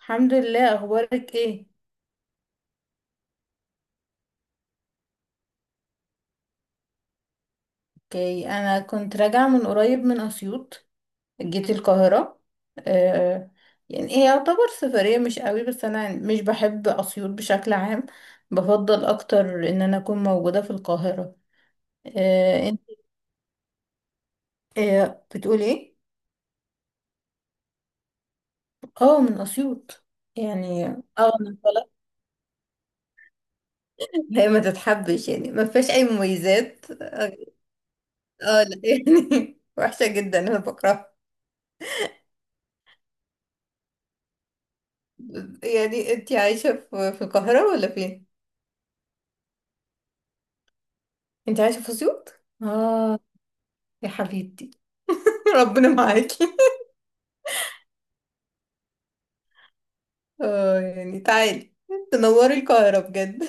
الحمد لله. اخبارك ايه؟ اوكي، انا كنت راجعه من قريب من اسيوط. جيت القاهره. آه، يعني هي يعتبر سفريه مش قوي، بس انا مش بحب اسيوط بشكل عام. بفضل اكتر ان انا اكون موجوده في القاهره. آه، انت. آه، بتقول ايه؟ اه، من اسيوط يعني. اه، انا طلعت. هي ما تتحبش، يعني ما فيهاش اي مميزات. اه آه، لا يعني وحشه جدا، انا بكرهها. يعني انتي عايشة في القاهرة ولا فين؟ انتي عايشة في اسيوط؟ اه، يا حبيبتي. ربنا معاكي. اه يعني تعالي، تنوري القاهرة بجد.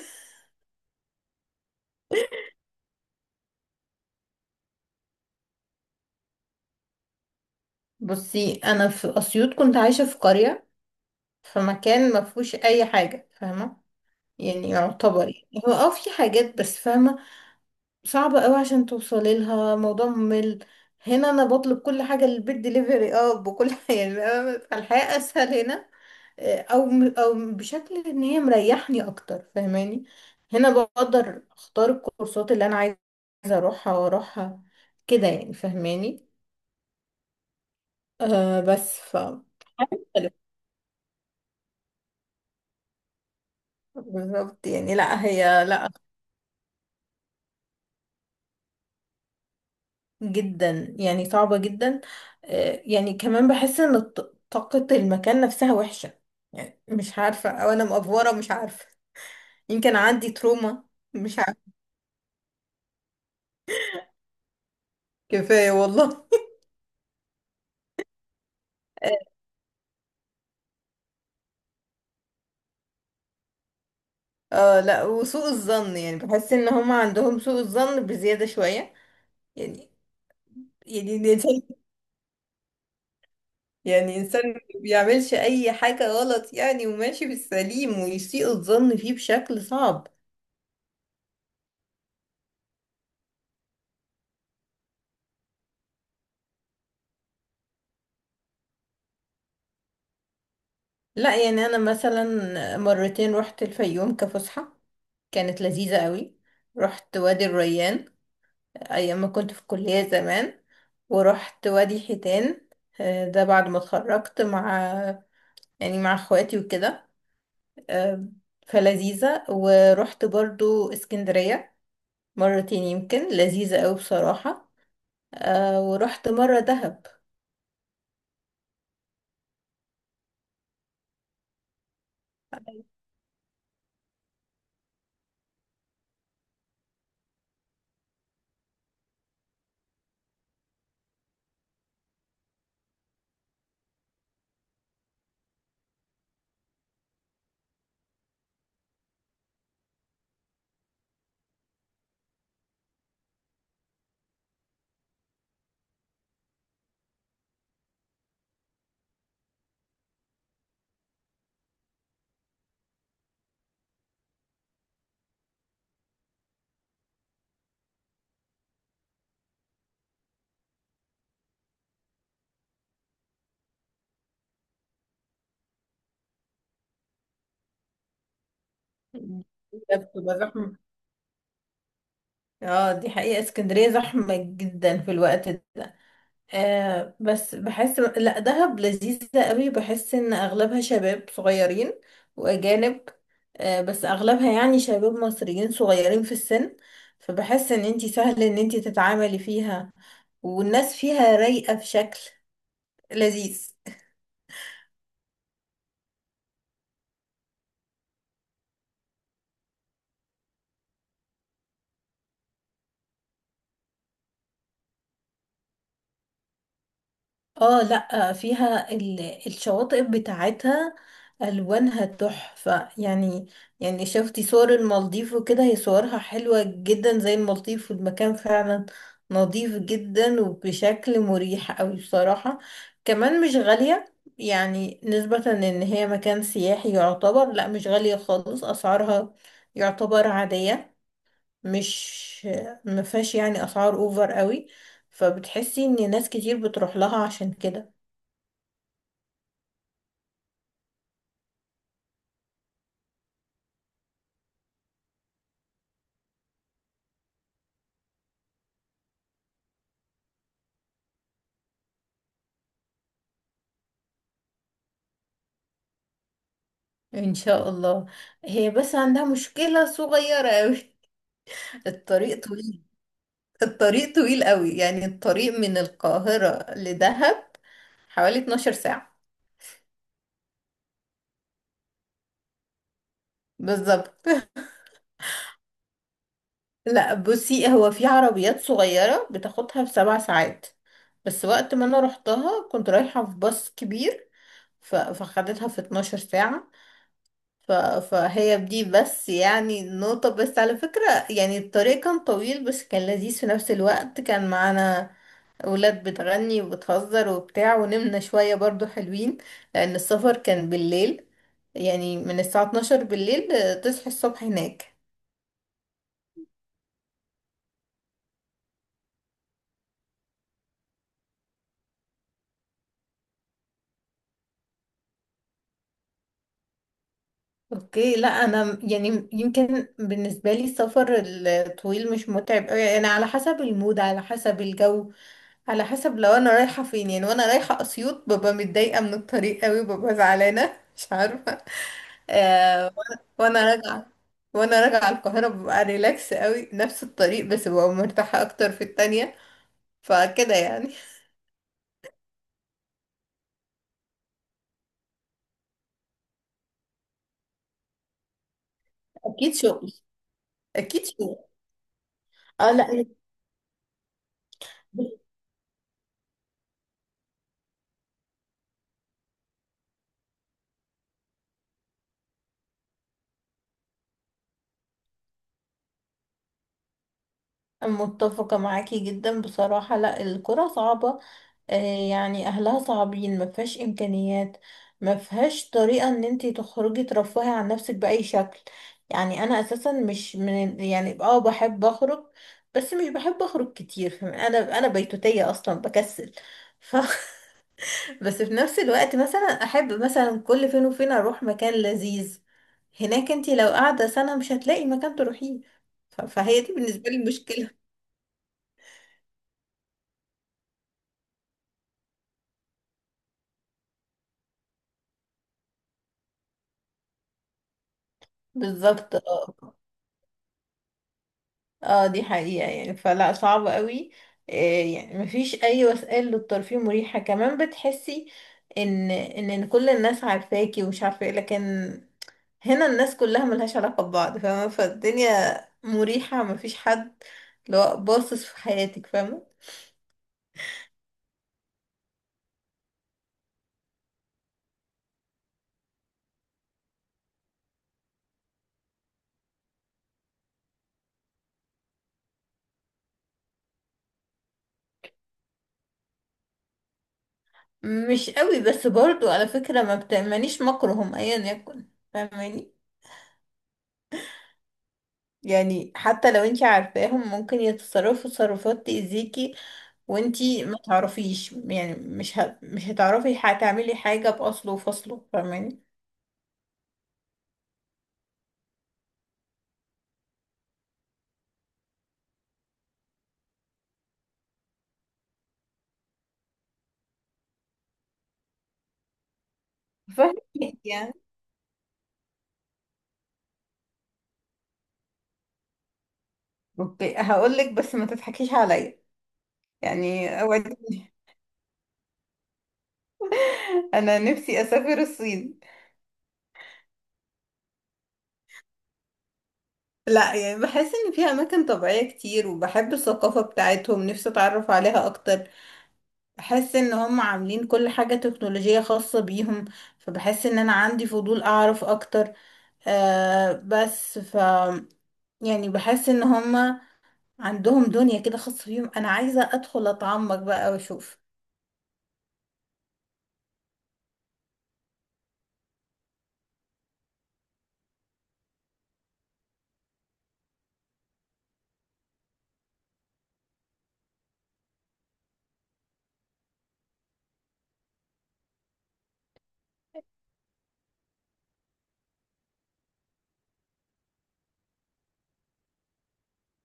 بصي، انا في اسيوط كنت عايشة في قرية، في مكان ما فيهوش اي حاجة، فاهمة؟ يعني يعتبر، يعني هو اه في حاجات، بس فاهمة، صعب قوي عشان توصلي لها. موضوع ممل. هنا انا بطلب كل حاجه للبيت دليفري، اه بكل حاجه. يعني فالحياه اسهل هنا. آه، او او بشكل ان هي مريحني اكتر، فاهماني. هنا بقدر اختار الكورسات اللي انا عايزه، اروحها واروحها، كده يعني فاهماني. آه بس ف مختلف. بالظبط، يعني لا هي لا، جدا يعني صعبة جدا. آه، يعني كمان بحس ان طاقة المكان نفسها وحشة. يعني مش عارفة، او انا مأفورة مش عارفة، يمكن عندي تروما، مش عارفة. كفاية والله. اه لا، وسوء الظن، يعني بحس ان هم عندهم سوء الظن بزيادة شوية يعني. يعني الانسان، يعني انسان ما بيعملش اي حاجة غلط يعني، وماشي بالسليم، ويسيء الظن فيه بشكل صعب. لا يعني انا مثلا مرتين رحت الفيوم كفسحة، كانت لذيذة قوي. رحت وادي الريان أيام ما كنت في الكلية زمان. ورحت وادي حيتان، آه، ده بعد ما اتخرجت مع، يعني مع اخواتي وكده. آه، فلذيذة. ورحت برضو اسكندرية مرتين يمكن، لذيذة قوي بصراحة. آه، ورحت مرة دهب. بتبقى زحمة. اه دي حقيقة، اسكندرية زحمة جدا في الوقت ده. آه بس بحس لا، دهب لذيذة قوي، بحس ان اغلبها شباب صغيرين واجانب. آه بس اغلبها يعني شباب مصريين صغيرين في السن، فبحس ان انتي سهل ان انتي تتعاملي فيها، والناس فيها رايقة في شكل لذيذ. اه لا، فيها الشواطئ بتاعتها، الوانها تحفة يعني. يعني شفتي صور المالديف وكده، هي صورها حلوة جدا زي المالديف، والمكان فعلا نظيف جدا، وبشكل مريح قوي بصراحة. كمان مش غالية، يعني نسبة ان هي مكان سياحي يعتبر لا مش غالية خالص اسعارها، يعتبر عادية. مش مفيهاش يعني اسعار اوفر قوي، فبتحسي ان ناس كتير بتروح لها عشان كده. ان شاء الله. هي بس عندها مشكلة صغيرة قوي، الطريق طويل. الطريق طويل قوي، يعني الطريق من القاهرة لدهب حوالي 12 ساعة. بالظبط. لا بصي، هو في عربيات صغيرة بتاخدها في سبع ساعات، بس وقت ما انا رحتها كنت رايحة في باص كبير، فخدتها في 12 ساعة. ف... فهي بدي بس يعني نقطة، بس على فكرة يعني الطريق كان طويل، بس كان لذيذ في نفس الوقت. كان معانا أولاد بتغني وبتهزر وبتاع، ونمنا شوية برضو، حلوين، لأن السفر كان بالليل. يعني من الساعة 12 بالليل آه، تصحي الصبح هناك. اوكي لا، انا يعني يمكن بالنسبه لي السفر الطويل مش متعب قوي، انا على حسب المود، على حسب الجو، على حسب لو انا رايحه فين. يعني وانا رايحه اسيوط ببقى متضايقه من الطريق قوي، ببقى زعلانه مش عارفه. آه. وانا راجعه، وانا راجعه القاهره ببقى ريلاكس قوي، نفس الطريق بس ببقى مرتاحه اكتر في التانية. فكده يعني. اكيد شغل. اكيد شغل. اه لا، متفقة معاكي جدا بصراحة، لا الكرة صعبة. آه، يعني أهلها صعبين، ما فيهاش إمكانيات، ما فيهاش طريقة إن انتي تخرجي ترفهي عن نفسك بأي شكل. يعني أنا أساسا مش من، يعني اه بحب أخرج، بس مش بحب أخرج كتير. أنا بيتوتية أصلا، بكسل. ف... بس في نفس الوقت مثلا أحب مثلا كل فين وفين أروح مكان لذيذ. هناك انتي لو قاعدة سنة مش هتلاقي مكان تروحيه. فهي دي بالنسبة لي المشكلة. بالظبط اه. اه دي حقيقة يعني، فلا صعب قوي. إيه يعني مفيش اي وسائل للترفيه مريحة. كمان بتحسي ان إن كل الناس عارفاكي ومش عارفة ايه، لكن هنا الناس كلها ملهاش علاقة ببعض، فاهمة، فالدنيا مريحة، مفيش حد لو باصص في حياتك، فاهمة. مش قوي، بس برضو على فكرة ما بتأمنيش مكرهم ايا يكن، فاهماني. يعني حتى لو انتي عارفاهم ممكن يتصرفوا تصرفات تأذيكي، وانتي ما تعرفيش، يعني مش هتعرفي هتعملي حاجة بأصله وفصله، فاهماني. فاهمك يعني. اوكي هقولك، بس ما تضحكيش عليا يعني، اوعديني. انا نفسي اسافر الصين. لا يعني بحس ان فيها اماكن طبيعية كتير، وبحب الثقافة بتاعتهم، نفسي اتعرف عليها اكتر. بحس ان هم عاملين كل حاجة تكنولوجية خاصة بيهم، فبحس ان انا عندي فضول اعرف اكتر. آه بس ف يعني بحس ان هما عندهم دنيا كده خاصة بيهم، انا عايزة ادخل اتعمق بقى واشوف.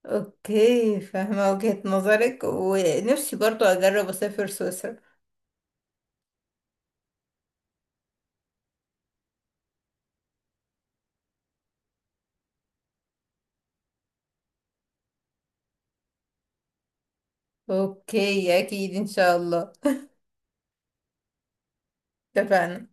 اوكي فاهمة وجهة نظرك، ونفسي برضو اجرب اسافر سويسرا. اوكي اكيد ان شاء الله. اتفقنا.